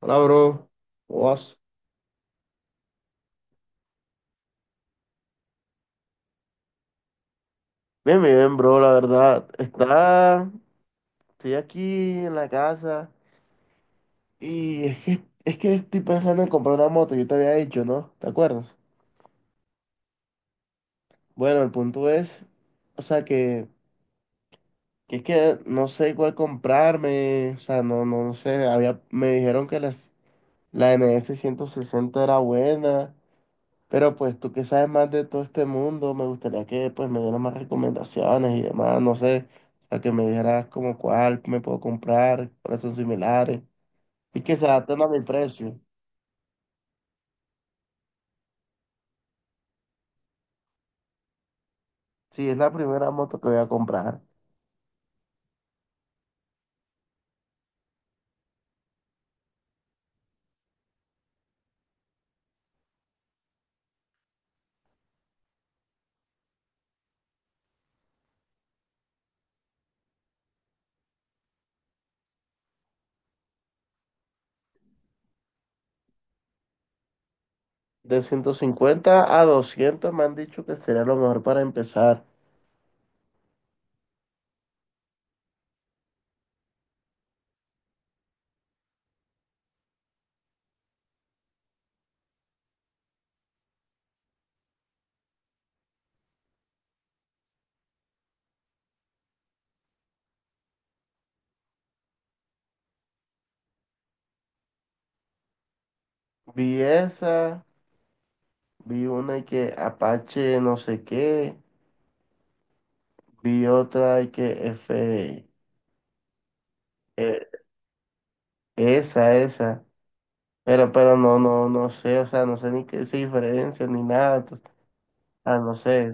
Hola, bro. ¿Cómo vas? Bien, bien, bro, la verdad. Estoy aquí en la casa y es que estoy pensando en comprar una moto, yo te había dicho, ¿no? ¿Te acuerdas? Bueno, el punto es, o sea, que es que no sé cuál comprarme, o sea, no, no, no sé, había, me dijeron que la n s NS sesenta era buena. Pero pues tú que sabes más de todo este mundo, me gustaría que pues me dieras más recomendaciones y demás, no sé, a que me dijeras como cuál me puedo comprar, cuáles son similares y que se adapten a mi precio. Si es la primera moto que voy a comprar, de 150 a 200 me han dicho que sería lo mejor para empezar. Vi esa, vi una y que Apache no sé qué, vi otra y que F, eh, esa, esa. Pero no, no, no sé, o sea, no sé ni qué se diferencia ni nada, entonces, ah, no sé,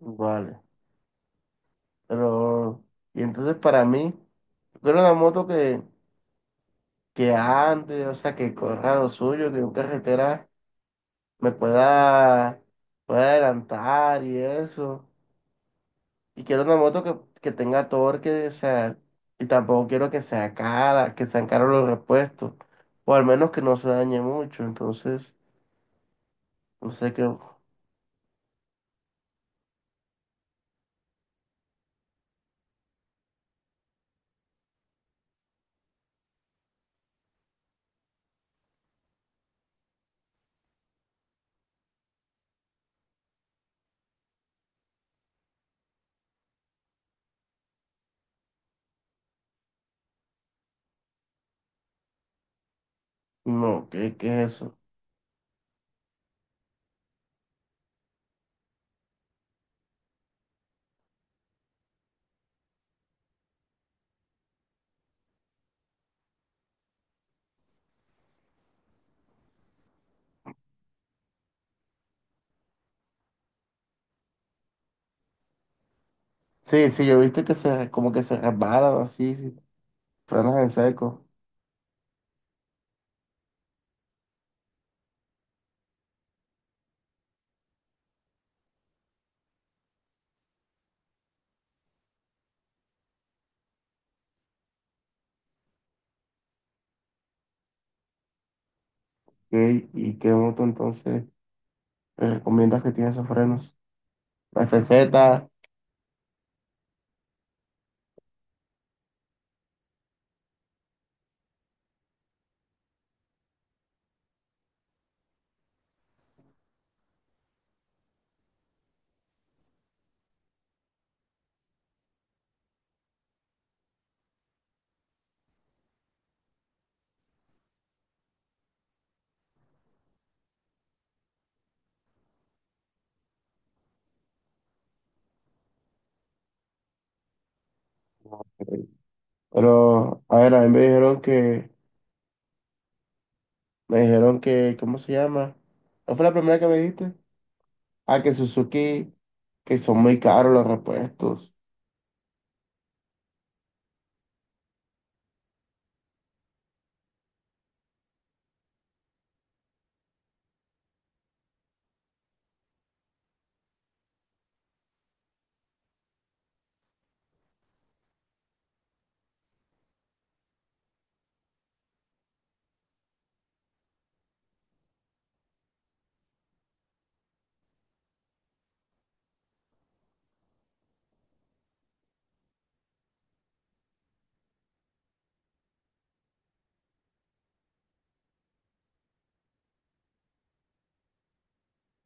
vale, pero, y entonces para mí, yo quiero una moto que, ande, o sea, que corra lo suyo, que en carretera me pueda, pueda adelantar y eso, y quiero una moto que tenga torque, o sea, y tampoco quiero que sea cara, que sean caros los repuestos, o al menos que no se dañe mucho, entonces, no sé qué, no, qué es eso. Sí, sí, yo viste que como que se resbala así, sí, frenas en seco. Y qué moto entonces te recomiendas que tiene esos frenos? La receta. Pero, a ver, a mí me dijeron que, ¿cómo se llama? ¿No fue la primera que me dijiste? Ah, que Suzuki, que son muy caros los repuestos.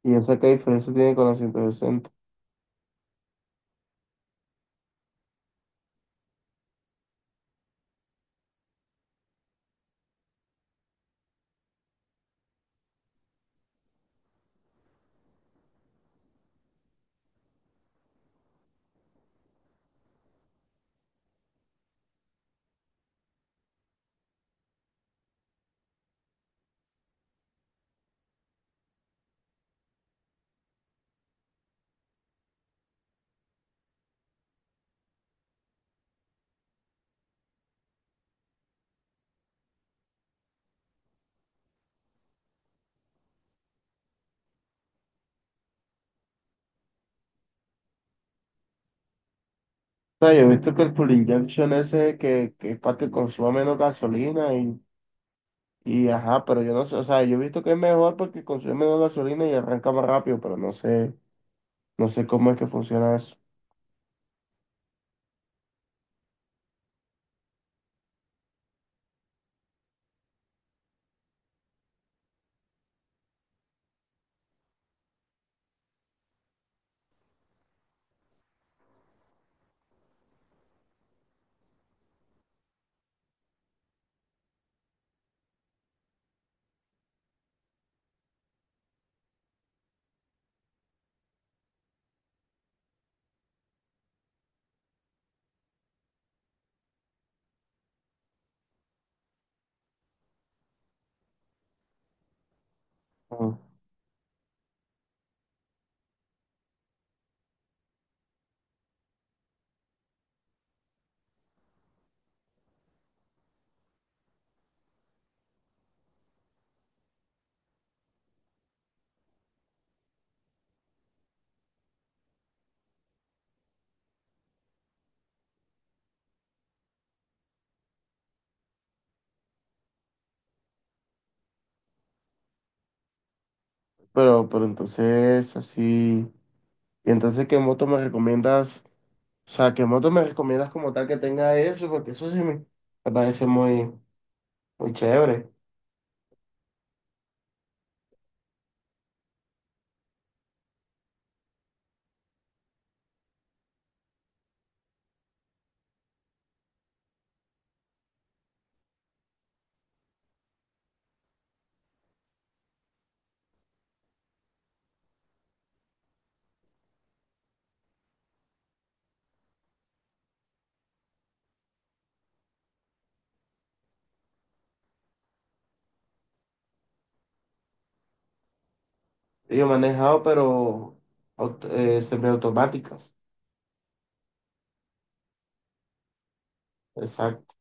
Y eso qué diferencia tiene con la 160. O sea, yo he visto que el fuel injection ese que es para que consuma menos gasolina y ajá, pero yo no sé, o sea, yo he visto que es mejor porque consume menos gasolina y arranca más rápido, pero no sé, no sé cómo es que funciona eso. Ujú. Pero entonces, así, y entonces, ¿qué moto me recomiendas? O sea, ¿qué moto me recomiendas como tal que tenga eso? Porque eso sí me parece muy, muy chévere. Yo he manejado, pero semiautomáticas. Exacto.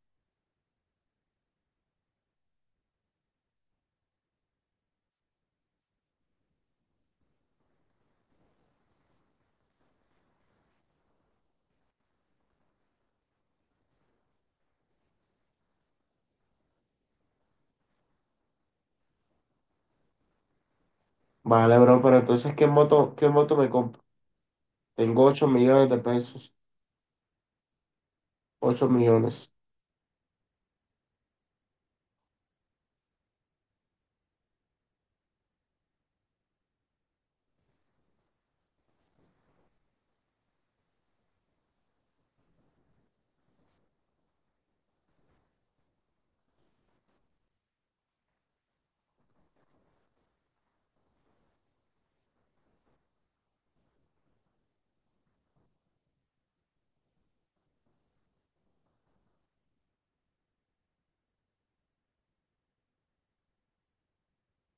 Vale, bro, pero entonces, ¿qué moto me compro? Tengo 8 millones de pesos, 8 millones.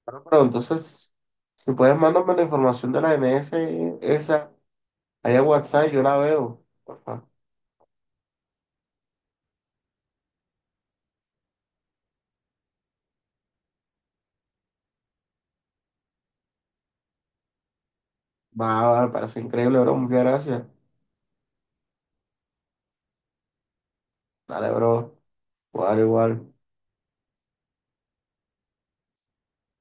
Bueno, pero entonces, si puedes, mándame la información de la N S esa, allá en WhatsApp, yo la veo. Porfa. Va, va, me parece increíble, bro. Muchas gracias. Dale, bro. Igual, igual.